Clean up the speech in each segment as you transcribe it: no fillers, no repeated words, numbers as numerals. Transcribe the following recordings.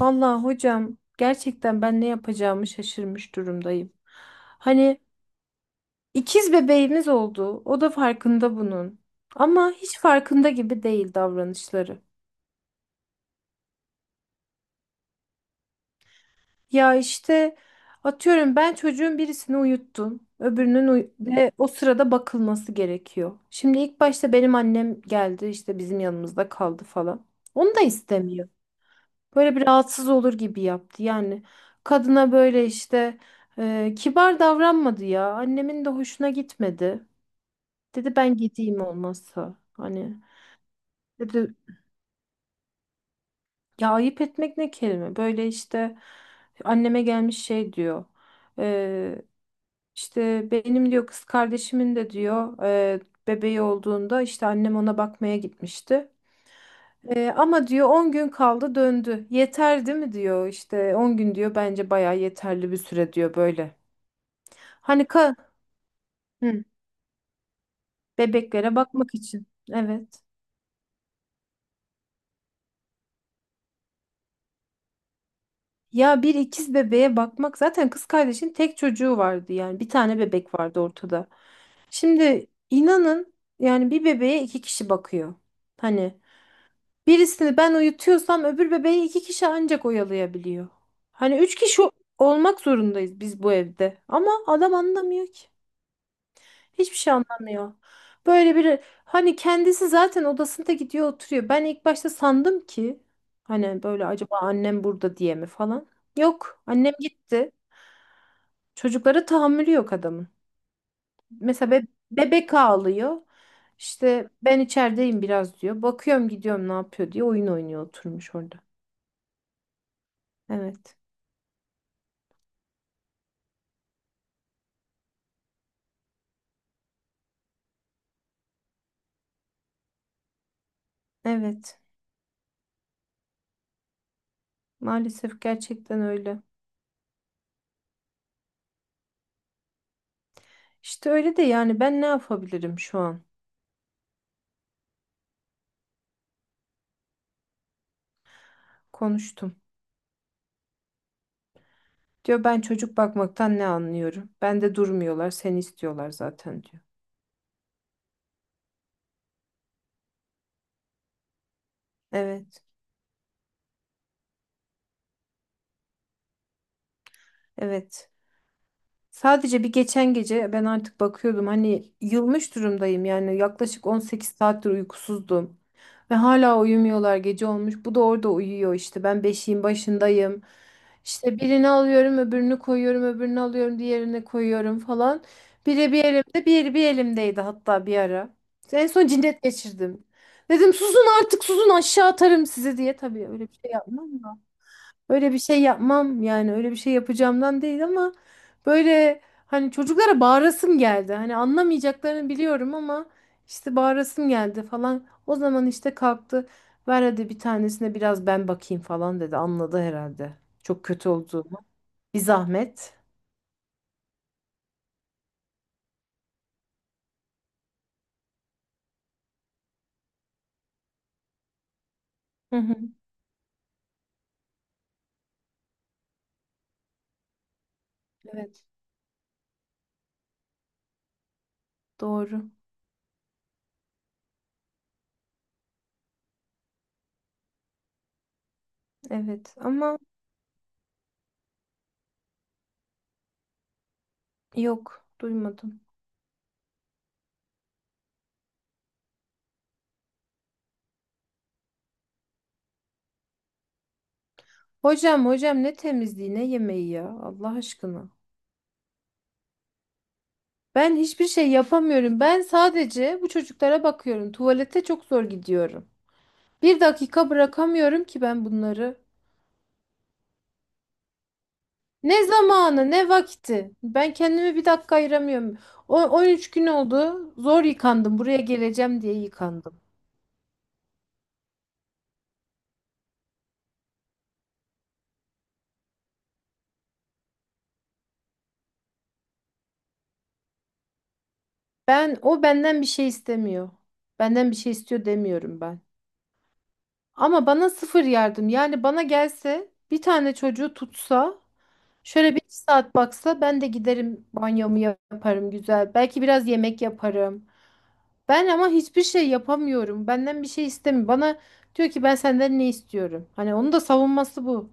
Vallahi hocam gerçekten ben ne yapacağımı şaşırmış durumdayım. Hani ikiz bebeğimiz oldu. O da farkında bunun. Ama hiç farkında gibi değil davranışları. Ya işte atıyorum ben çocuğun birisini uyuttum. Öbürünün ve o sırada bakılması gerekiyor. Şimdi ilk başta benim annem geldi işte bizim yanımızda kaldı falan. Onu da istemiyor. Böyle bir rahatsız olur gibi yaptı. Yani kadına böyle işte kibar davranmadı ya. Annemin de hoşuna gitmedi. Dedi ben gideyim olmazsa. Hani dedi ya ayıp etmek ne kelime. Böyle işte anneme gelmiş şey diyor. E, işte benim diyor kız kardeşimin de diyor bebeği olduğunda işte annem ona bakmaya gitmişti. Ama diyor 10 gün kaldı döndü. Yeter değil mi diyor işte 10 gün diyor bence bayağı yeterli bir süre diyor böyle. Hani ka Hı, bebeklere bakmak için. Evet. Ya bir ikiz bebeğe bakmak zaten kız kardeşin tek çocuğu vardı yani bir tane bebek vardı ortada. Şimdi inanın yani bir bebeğe iki kişi bakıyor. Hani birisini ben uyutuyorsam öbür bebeği iki kişi ancak oyalayabiliyor. Hani üç kişi olmak zorundayız biz bu evde ama adam anlamıyor ki. Hiçbir şey anlamıyor. Böyle bir hani kendisi zaten odasında gidiyor oturuyor. Ben ilk başta sandım ki hani böyle acaba annem burada diye mi falan. Yok annem gitti. Çocuklara tahammülü yok adamın. Mesela bebek ağlıyor. İşte ben içerideyim biraz diyor. Bakıyorum gidiyorum ne yapıyor diye oyun oynuyor oturmuş orada. Evet. Evet. Maalesef gerçekten öyle. İşte öyle de yani ben ne yapabilirim şu an? Konuştum. Diyor ben çocuk bakmaktan ne anlıyorum? Ben de durmuyorlar, seni istiyorlar zaten diyor. Evet, evet. Sadece bir geçen gece ben artık bakıyordum hani yılmış durumdayım yani yaklaşık 18 saattir uykusuzdum. Ve hala uyumuyorlar gece olmuş. Bu da orada uyuyor işte. Ben beşiğin başındayım. İşte birini alıyorum, öbürünü koyuyorum, öbürünü alıyorum, diğerini koyuyorum falan. Biri bir elimde, biri bir elimdeydi hatta bir ara. En son cinnet geçirdim. Dedim susun artık susun aşağı atarım sizi diye. Tabii öyle bir şey yapmam. Öyle bir şey yapmam yani öyle bir şey yapacağımdan değil ama böyle hani çocuklara bağırasım geldi. Hani anlamayacaklarını biliyorum ama işte bağırasım geldi falan. O zaman işte kalktı. Ver hadi bir tanesine biraz ben bakayım falan dedi. Anladı herhalde. Çok kötü olduğumu. Bir zahmet. Hı hı. Evet. Doğru. Evet ama yok duymadım. Hocam hocam ne temizliği ne yemeği ya Allah aşkına. Ben hiçbir şey yapamıyorum. Ben sadece bu çocuklara bakıyorum. Tuvalete çok zor gidiyorum. Bir dakika bırakamıyorum ki ben bunları. Ne zamanı, ne vakti. Ben kendimi bir dakika ayıramıyorum. O 13 gün oldu. Zor yıkandım. Buraya geleceğim diye yıkandım. Ben o benden bir şey istemiyor. Benden bir şey istiyor demiyorum ben. Ama bana sıfır yardım. Yani bana gelse bir tane çocuğu tutsa şöyle bir iki saat baksa ben de giderim banyomu yaparım güzel. Belki biraz yemek yaparım. Ben ama hiçbir şey yapamıyorum. Benden bir şey istemiyor. Bana diyor ki ben senden ne istiyorum? Hani onun da savunması bu.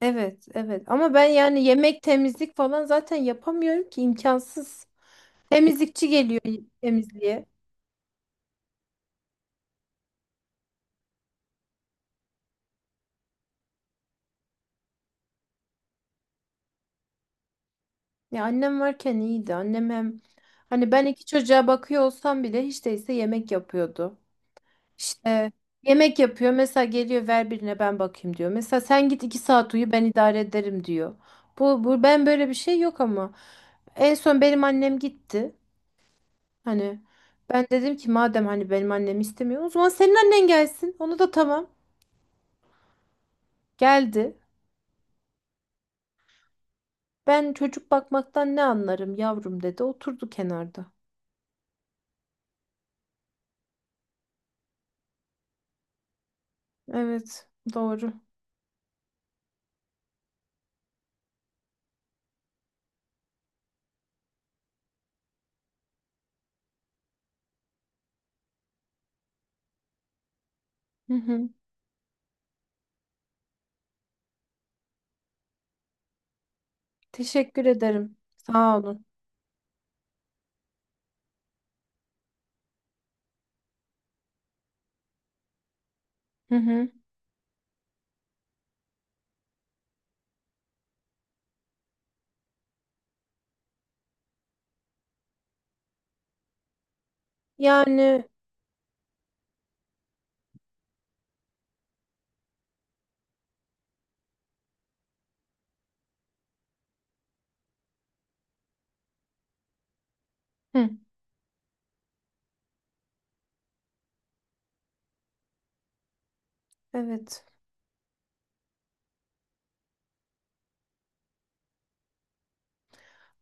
Evet, evet. Ama ben yani yemek, temizlik falan zaten yapamıyorum ki imkansız. Temizlikçi geliyor temizliğe. Ya annem varken iyiydi. Annem hem hani ben iki çocuğa bakıyor olsam bile hiç değilse yemek yapıyordu. İşte yemek yapıyor. Mesela geliyor ver birine ben bakayım diyor. Mesela sen git 2 saat uyu ben idare ederim diyor. Bu ben böyle bir şey yok ama. En son benim annem gitti. Hani ben dedim ki madem hani benim annem istemiyor o zaman senin annen gelsin. Onu da tamam. Geldi. Ben çocuk bakmaktan ne anlarım yavrum dedi. Oturdu kenarda. Evet, doğru. Hı hı. Teşekkür ederim. Sağ olun. Hı hı. Yani hı, evet.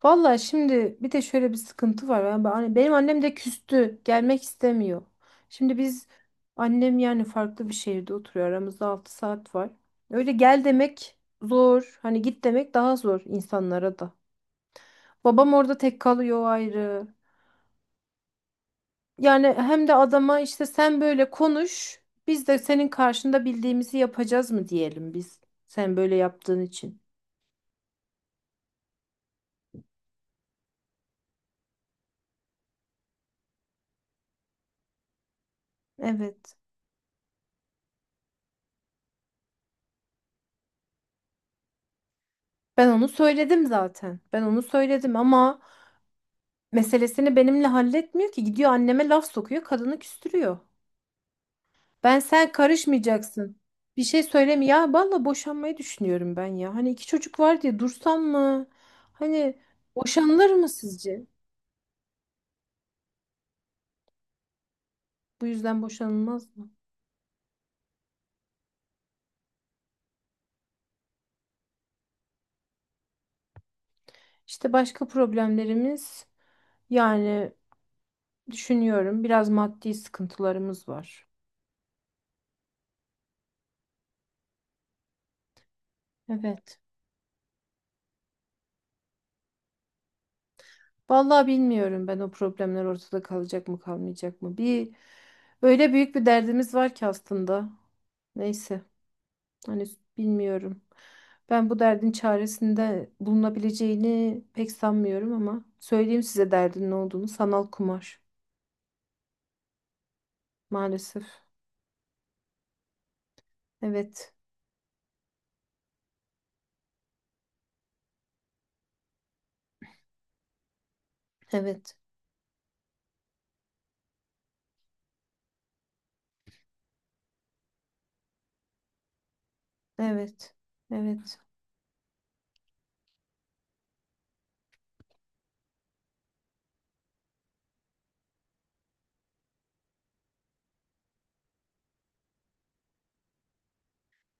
Valla şimdi bir de şöyle bir sıkıntı var. Yani hani benim annem de küstü. Gelmek istemiyor. Şimdi biz annem yani farklı bir şehirde oturuyor. Aramızda 6 saat var. Öyle gel demek zor. Hani git demek daha zor insanlara da. Babam orada tek kalıyor ayrı. Yani hem de adama işte sen böyle konuş. Biz de senin karşında bildiğimizi yapacağız mı diyelim biz. Sen böyle yaptığın için. Evet. Ben onu söyledim zaten. Ben onu söyledim ama meselesini benimle halletmiyor ki. Gidiyor anneme laf sokuyor, kadını küstürüyor. Ben sen karışmayacaksın. Bir şey söyleme ya. Valla boşanmayı düşünüyorum ben ya. Hani iki çocuk var diye dursam mı? Hani boşanılır mı sizce? Bu yüzden boşanılmaz mı? İşte başka problemlerimiz yani düşünüyorum biraz maddi sıkıntılarımız var. Evet. Vallahi bilmiyorum ben o problemler ortada kalacak mı kalmayacak mı. Bir öyle büyük bir derdimiz var ki aslında. Neyse. Hani bilmiyorum. Ben bu derdin çaresinde bulunabileceğini pek sanmıyorum ama söyleyeyim size derdin ne olduğunu. Sanal kumar maalesef. Evet. Evet. Evet. Evet.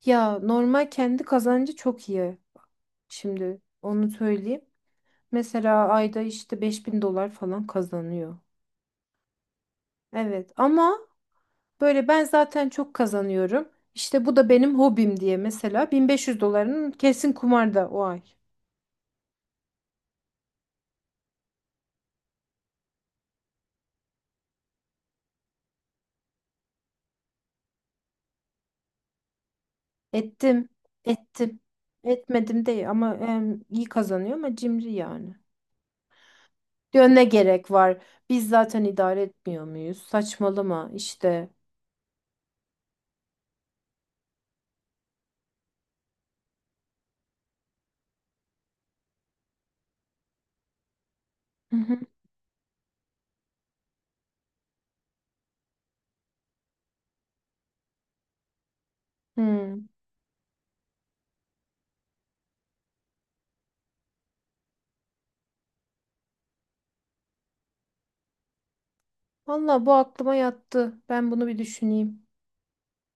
Ya normal kendi kazancı çok iyi. Şimdi onu söyleyeyim. Mesela ayda işte 5.000 dolar falan kazanıyor. Evet ama böyle ben zaten çok kazanıyorum. İşte bu da benim hobim diye mesela 1.500 dolarının kesin kumarda o ay. Ettim, ettim. Etmedim değil ama iyi kazanıyor ama cimri yani. Diyor ne gerek var? Biz zaten idare etmiyor muyuz? Saçmalama işte. Hı hı. Hmm. Valla bu aklıma yattı. Ben bunu bir düşüneyim.